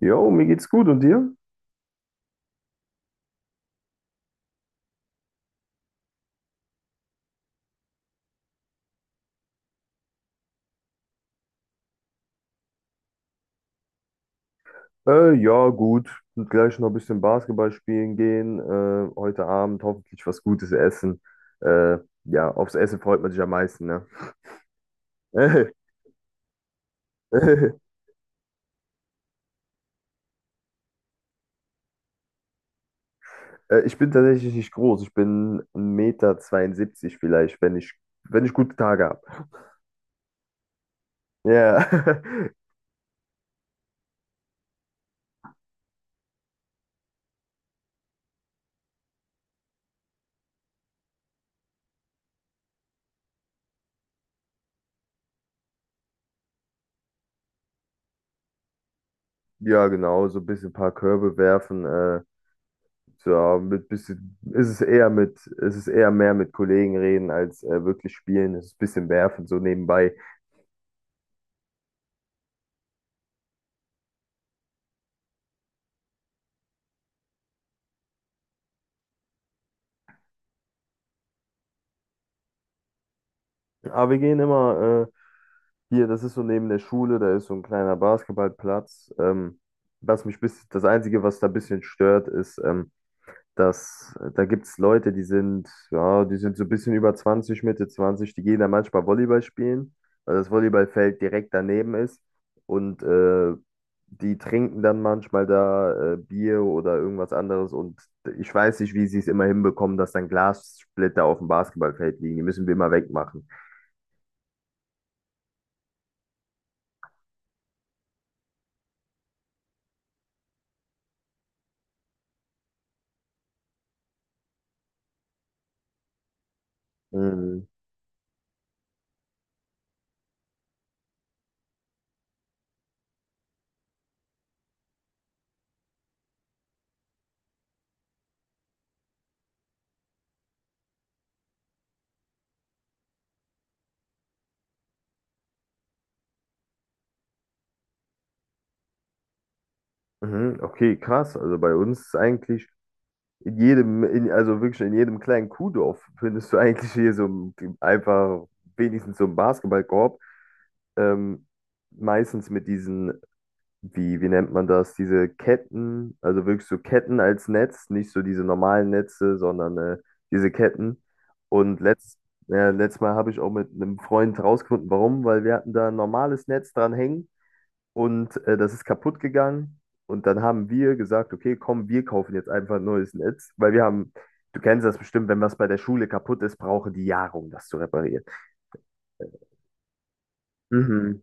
Jo, mir geht's gut und dir? Ja, gut. Und gleich noch ein bisschen Basketball spielen gehen. Heute Abend hoffentlich was Gutes essen. Äh, ja, aufs Essen freut man sich am meisten, ne? Ich bin tatsächlich nicht groß. Ich bin 1,72 Meter zweiundsiebzig vielleicht, wenn ich gute Tage habe. Ja, ja, genau. So ein bisschen ein paar Körbe werfen. Ja, mit bisschen ist es eher mit, ist es ist eher mehr mit Kollegen reden als wirklich spielen. Es ist ein bisschen werfen so nebenbei. Aber wir gehen immer hier, das ist so neben der Schule, da ist so ein kleiner Basketballplatz. Das Einzige, was da ein bisschen stört, ist, dass da gibt es Leute, ja, die sind so ein bisschen über zwanzig, Mitte 20. Die gehen da manchmal Volleyball spielen, weil das Volleyballfeld direkt daneben ist. Und die trinken dann manchmal da Bier oder irgendwas anderes. Und ich weiß nicht, wie sie es immer hinbekommen, dass dann Glassplitter auf dem Basketballfeld liegen. Die müssen wir immer wegmachen. Mhm. Mhm, okay, krass. Also bei uns ist eigentlich also wirklich in jedem kleinen Kuhdorf findest du eigentlich hier so einfach wenigstens so einen Basketballkorb. Ähm, Meistens mit diesen, wie nennt man das, diese Ketten, also wirklich so Ketten als Netz, nicht so diese normalen Netze, sondern diese Ketten. Und ja, letztes Mal habe ich auch mit einem Freund rausgefunden, warum, weil wir hatten da ein normales Netz dran hängen. Und das ist kaputt gegangen. Und dann haben wir gesagt, okay, komm, wir kaufen jetzt einfach ein neues Netz, weil wir haben, du kennst das bestimmt, wenn was bei der Schule kaputt ist, brauchen die Jahre, um das zu reparieren. Mhm.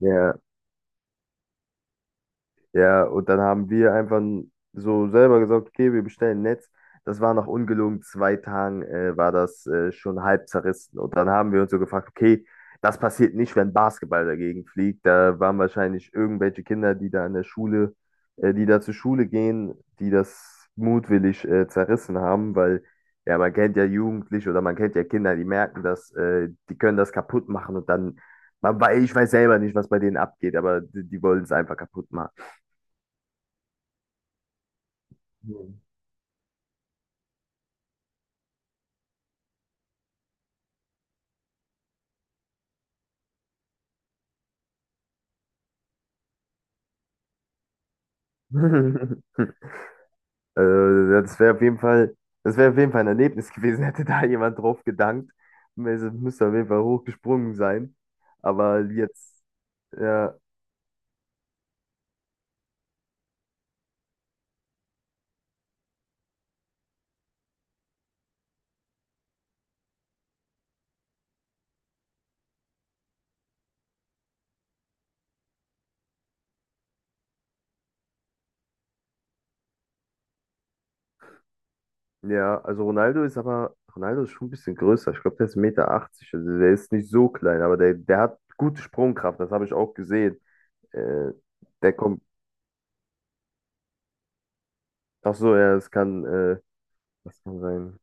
Ja. Ja, und dann haben wir einfach so selber gesagt, okay, wir bestellen Netz. Das war nach ungelogen 2 Tagen war das schon halb zerrissen. Und dann haben wir uns so gefragt, okay, das passiert nicht, wenn Basketball dagegen fliegt. Da waren wahrscheinlich irgendwelche Kinder, die da zur Schule gehen, die das mutwillig zerrissen haben, weil ja, man kennt ja Jugendliche oder man kennt ja Kinder, die merken das, die können das kaputt machen. Und dann, ich weiß selber nicht, was bei denen abgeht, aber die wollen es einfach kaputt machen. Mhm. Äh, ja, das wäre auf jeden Fall ein Erlebnis gewesen, hätte da jemand drauf gedankt. Es müsste auf jeden Fall hochgesprungen sein. Aber jetzt, ja, ja, also Ronaldo ist schon ein bisschen größer. Ich glaube, der ist 1,80 Meter. Also der ist nicht so klein, aber der hat gute Sprungkraft, das habe ich auch gesehen. Äh, der kommt, Ach so, ja, was kann sein?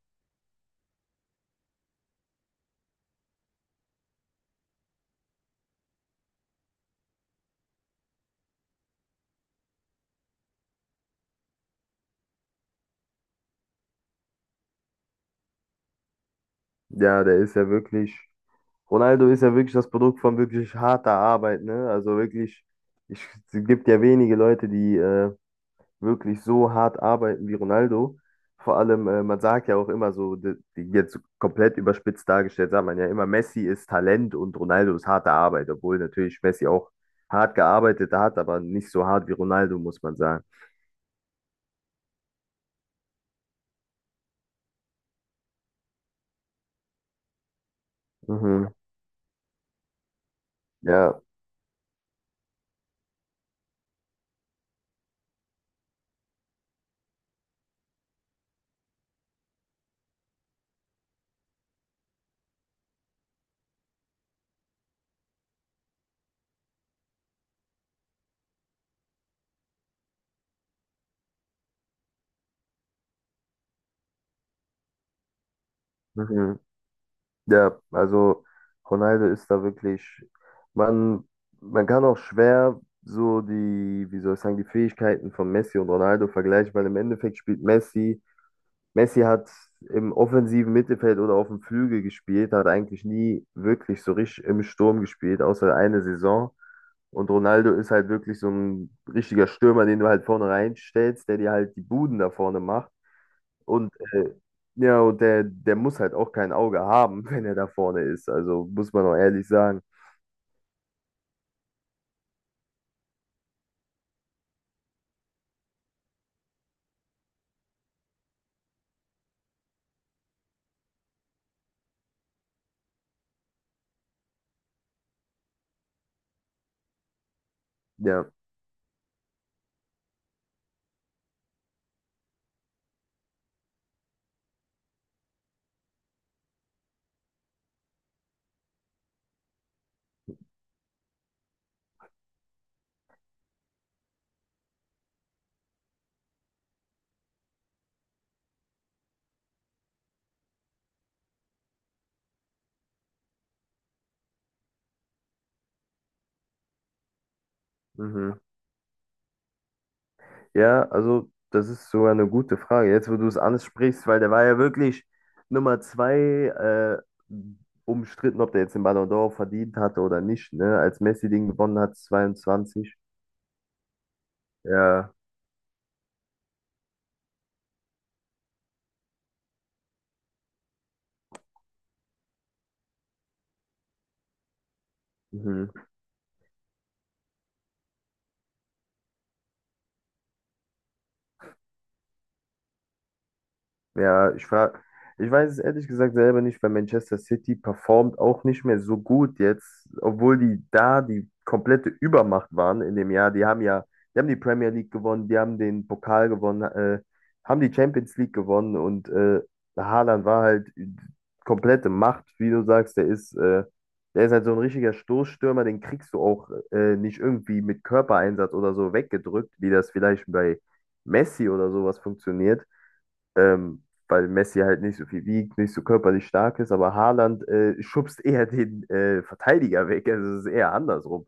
Ja, der ist ja wirklich. Ronaldo ist ja wirklich das Produkt von wirklich harter Arbeit, ne? Also wirklich, ich, es gibt ja wenige Leute, die wirklich so hart arbeiten wie Ronaldo. Vor allem, man sagt ja auch immer so, die, die jetzt komplett überspitzt dargestellt, sagt man ja immer, Messi ist Talent und Ronaldo ist harte Arbeit, obwohl natürlich Messi auch hart gearbeitet hat, aber nicht so hart wie Ronaldo, muss man sagen. Mhm. Ja. Mhm. Ja, also Ronaldo ist da wirklich, man, man kann auch schwer so die, wie soll ich sagen, die Fähigkeiten von Messi und Ronaldo vergleichen, weil im Endeffekt spielt Messi hat im offensiven Mittelfeld oder auf dem Flügel gespielt, hat eigentlich nie wirklich so richtig im Sturm gespielt, außer eine Saison. Und Ronaldo ist halt wirklich so ein richtiger Stürmer, den du halt vorne reinstellst, der dir halt die Buden da vorne macht. Und ja, und der muss halt auch kein Auge haben, wenn er da vorne ist. Also muss man auch ehrlich sagen. Ja. Mhm. Ja, also das ist sogar eine gute Frage. Jetzt, wo du es ansprichst, weil der war ja wirklich Nummer zwei, umstritten, ob der jetzt den Ballon d'Or verdient hatte oder nicht, ne? Als Messi den gewonnen hat, 22. Ja. Mhm. Ja, ich weiß es ehrlich gesagt selber nicht, weil Manchester City performt auch nicht mehr so gut jetzt, obwohl die da die komplette Übermacht waren in dem Jahr. Die haben die Premier League gewonnen, die haben den Pokal gewonnen, haben die Champions League gewonnen, und Haaland war halt komplette Macht, wie du sagst. Der ist halt so ein richtiger Stoßstürmer, den kriegst du auch nicht irgendwie mit Körpereinsatz oder so weggedrückt, wie das vielleicht bei Messi oder sowas funktioniert, ähm, weil Messi halt nicht so viel wiegt, nicht so körperlich stark ist, aber Haaland schubst eher den Verteidiger weg. Also es ist eher andersrum.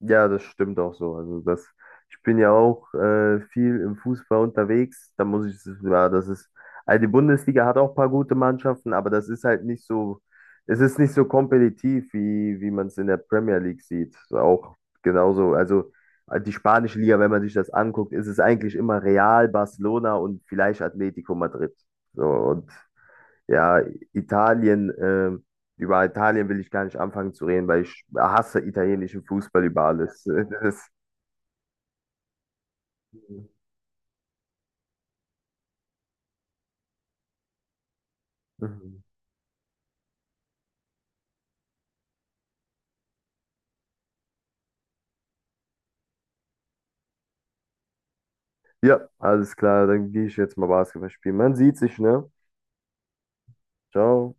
Ja, das stimmt auch so. Ich bin ja auch viel im Fußball unterwegs. Ja, also die Bundesliga hat auch ein paar gute Mannschaften, aber das ist halt nicht so, es ist nicht so kompetitiv, wie man es in der Premier League sieht. So auch genauso, also die spanische Liga, wenn man sich das anguckt, ist es eigentlich immer Real, Barcelona und vielleicht Atletico Madrid. So, und ja, Italien, äh, über Italien will ich gar nicht anfangen zu reden, weil ich hasse italienischen Fußball über alles. Das, Mhm. Ja, alles klar, dann gehe ich jetzt mal Basketball spielen. Man sieht sich, ne? Ciao.